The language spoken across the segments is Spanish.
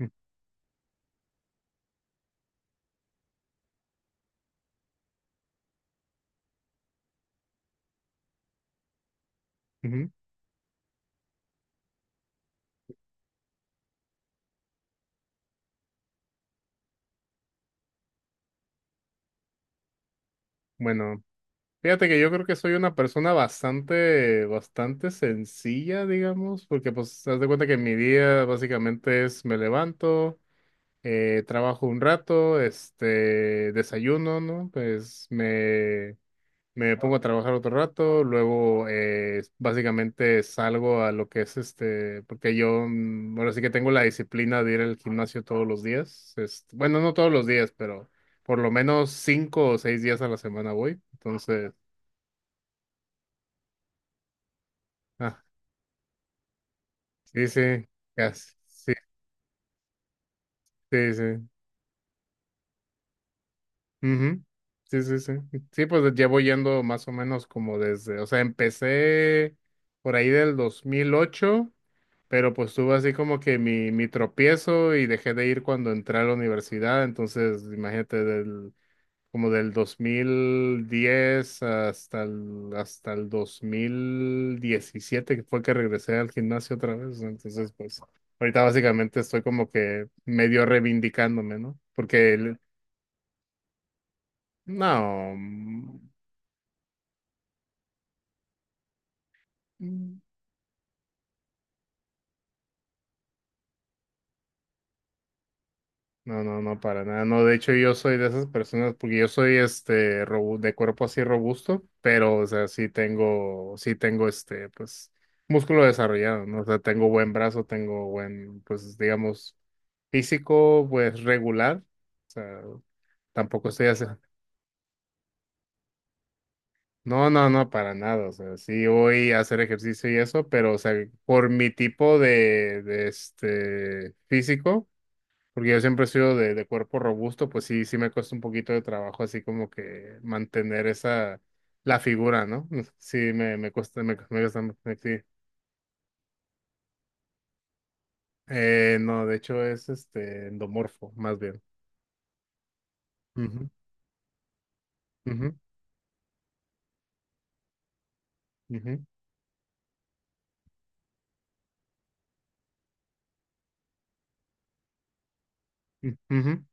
Ujú. Bueno, fíjate que yo creo que soy una persona bastante sencilla, digamos, porque pues haz de cuenta que mi día básicamente es me levanto, trabajo un rato, este, desayuno, ¿no? Me pongo a trabajar otro rato, luego básicamente salgo a lo que es este, porque yo ahora sí que tengo la disciplina de ir al gimnasio todos los días. Este, bueno, no todos los días, pero por lo menos cinco o seis días a la semana voy. Entonces, ah, sí, casi, sí, sí. sí. ujú, Sí. Sí, pues llevo yendo más o menos como desde, o sea, empecé por ahí del 2008. Pero pues tuve así como que mi tropiezo y dejé de ir cuando entré a la universidad. Entonces, imagínate, del, como del 2010 hasta el 2017, que fue que regresé al gimnasio otra vez, ¿no? Entonces, pues ahorita básicamente estoy como que medio reivindicándome, ¿no? Porque, no, mm, no, no, para nada. No, de hecho yo soy de esas personas porque yo soy este robu- de cuerpo así robusto, pero o sea, sí tengo este, pues, músculo desarrollado, ¿no? O sea, tengo buen brazo, tengo buen, pues, digamos, físico, pues, regular. O sea, tampoco estoy haciendo. No, no, para nada. O sea, sí voy a hacer ejercicio y eso, pero, o sea, por mi tipo de, este físico. Porque yo siempre he sido de cuerpo robusto, pues sí, sí me cuesta un poquito de trabajo así como que mantener esa, la figura, ¿no? Sí, me cuesta, me cuesta, sí. No, de hecho es este endomorfo, más bien. Ujú, ujú, ujú, ujú,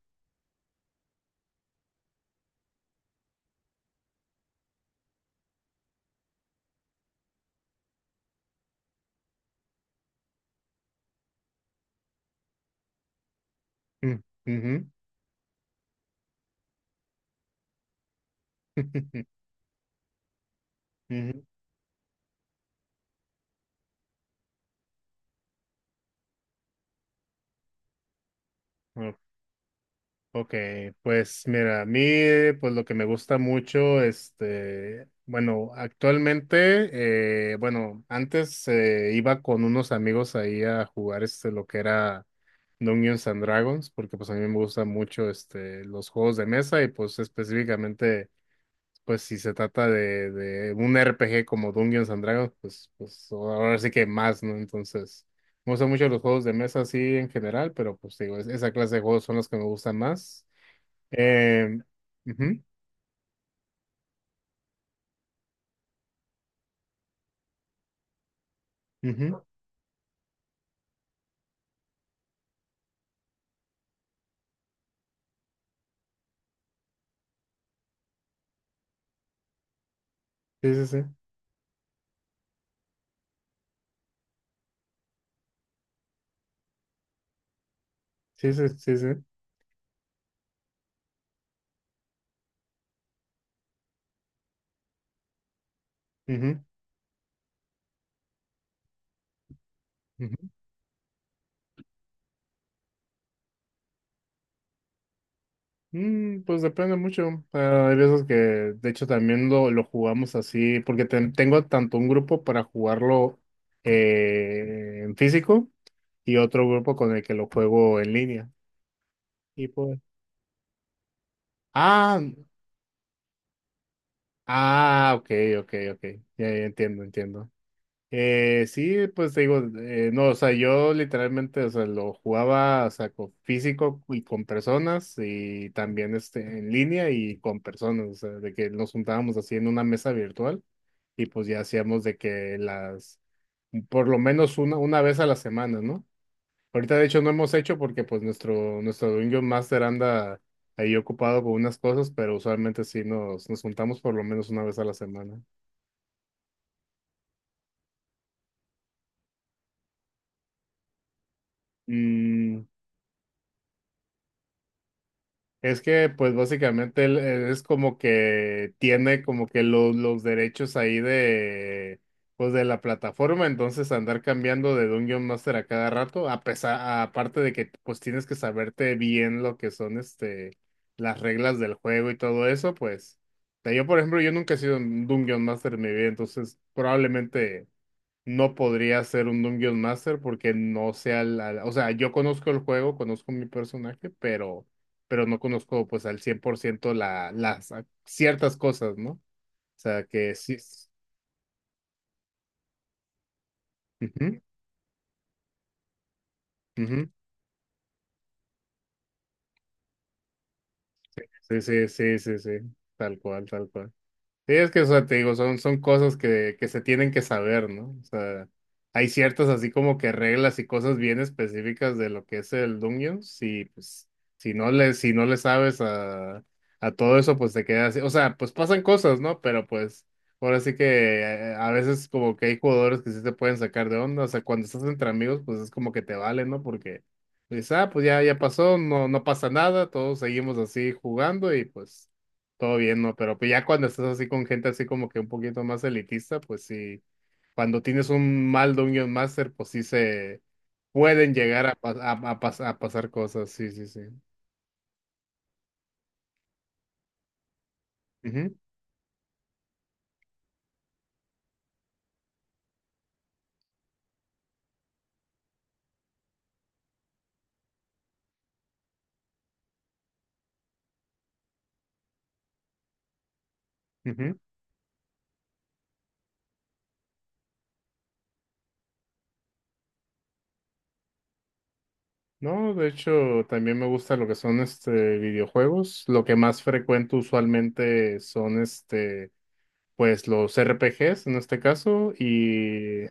ujú, ujú, ujú, Ok, pues mira, a mí pues lo que me gusta mucho, este, bueno, actualmente, bueno, antes iba con unos amigos ahí a jugar este lo que era Dungeons and Dragons, porque pues a mí me gustan mucho este los juegos de mesa y pues específicamente pues si se trata de, un RPG como Dungeons and Dragons, pues ahora sí que más, ¿no? Entonces, me gustan mucho los juegos de mesa así en general, pero pues digo, es- esa clase de juegos son los que me gustan más. Eh, ujú, ujú, Sí, sí. Sí, sí. ujú, ujú. Mm, pues depende mucho. Ah, hay veces que, de hecho, también lo jugamos así, porque ten- tengo tanto un grupo para jugarlo en físico y otro grupo con el que lo juego en línea. Y pues. Ah, ok, ok. Ya, ya entiendo, entiendo. Sí, pues te digo, no, o sea, yo literalmente, o sea, lo jugaba, o sea, con físico y con personas y también este, en línea y con personas, o sea, de que nos juntábamos así en una mesa virtual y pues ya hacíamos de que las, por lo menos una vez a la semana, ¿no? Ahorita de hecho no hemos hecho porque pues nuestro Dungeon Master anda ahí ocupado con unas cosas, pero usualmente sí nos juntamos por lo menos una vez a la semana. Mm, es que, pues básicamente él es como que tiene como que los derechos ahí de, pues de la plataforma, entonces andar cambiando de Dungeon Master a cada rato, a pesar, aparte de que pues tienes que saberte bien lo que son este, las reglas del juego y todo eso, pues, o sea, yo por ejemplo, yo nunca he sido un Dungeon Master en mi vida, entonces probablemente no podría ser un Dungeon Master porque no sé al o sea, yo conozco el juego, conozco mi personaje, pero no conozco pues al 100% la, las a- ciertas cosas, ¿no? O sea, que sí, ujú, ujú, sí, sí, tal cual, tal cual. Sí, es que, o sea, te digo, son, son cosas que se tienen que saber, ¿no? O sea, hay ciertas así como que reglas y cosas bien específicas de lo que es el Dungeon. Y pues, si no le, si no le sabes a todo eso, pues te quedas así. O sea, pues pasan cosas, ¿no? Pero pues, ahora sí que a veces como que hay jugadores que sí te pueden sacar de onda. O sea, cuando estás entre amigos, pues es como que te vale, ¿no? Porque dices, ah, pues ya, ya pasó, no, no pasa nada, todos seguimos así jugando y pues. Todo bien, ¿no? Pero pues ya cuando estás así con gente así como que un poquito más elitista, pues sí, cuando tienes un mal Dungeon Master, pues sí se pueden llegar a, pasar cosas, sí, sí. Ujú, ujú. No, de hecho, también me gusta lo que son este videojuegos. Lo que más frecuento usualmente son este, pues los RPGs en este caso, y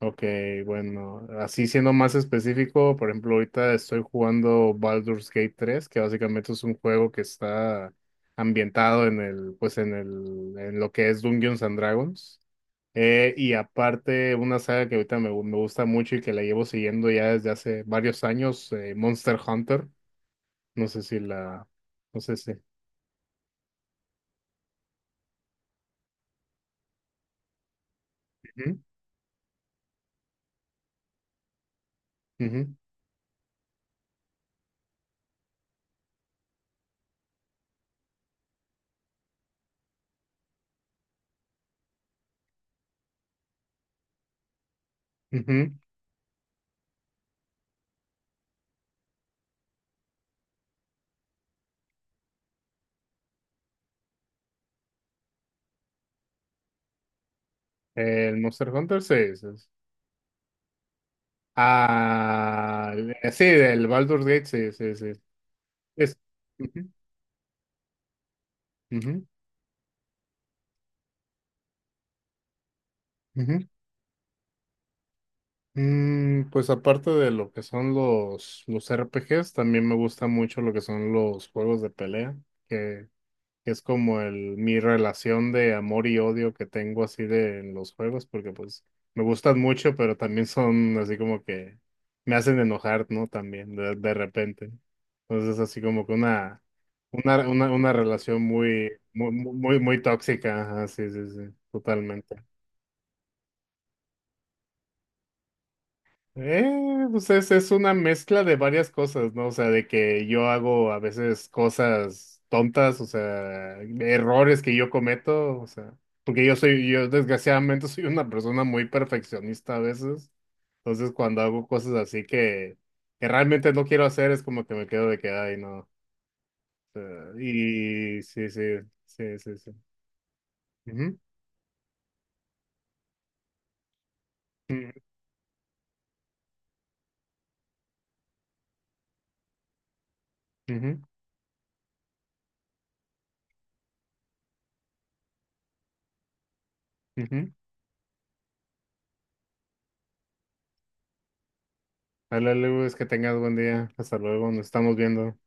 ok, bueno, así siendo más específico, por ejemplo, ahorita estoy jugando Baldur's Gate tres, que básicamente es un juego que está ambientado en el, pues en el, en lo que es Dungeons and Dragons. Y aparte, una saga que ahorita me gusta mucho y que la llevo siguiendo ya desde hace varios años, Monster Hunter. No sé si no sé si. Ujú, ujú, ujú. El Monster Hunter, sí. Sí. Ah, sí, el Baldur's Gate, sí, sí. Es, ujú, ujú, ujú. Mm, pues aparte de lo que son los RPGs, también me gusta mucho lo que son los juegos de pelea, que, que es como el, mi relación de amor y odio que tengo así de en los juegos, porque pues me gustan mucho, pero también son así como que me hacen enojar, ¿no? También de repente. Entonces así como que una relación muy, muy, muy, muy tóxica, así, sí, sí, totalmente. Pues es una mezcla de varias cosas, ¿no? O sea, de que yo hago a veces cosas tontas, o sea, errores que yo cometo, o sea, porque yo desgraciadamente soy una persona muy perfeccionista a veces, entonces cuando hago cosas así que realmente no quiero hacer es como que me quedo de que, ay, no, o sea, y sí, sí, sí. Ujú, ujú, ujú, ujú. Dale, Lu, es que tengas buen día, hasta luego, nos estamos viendo.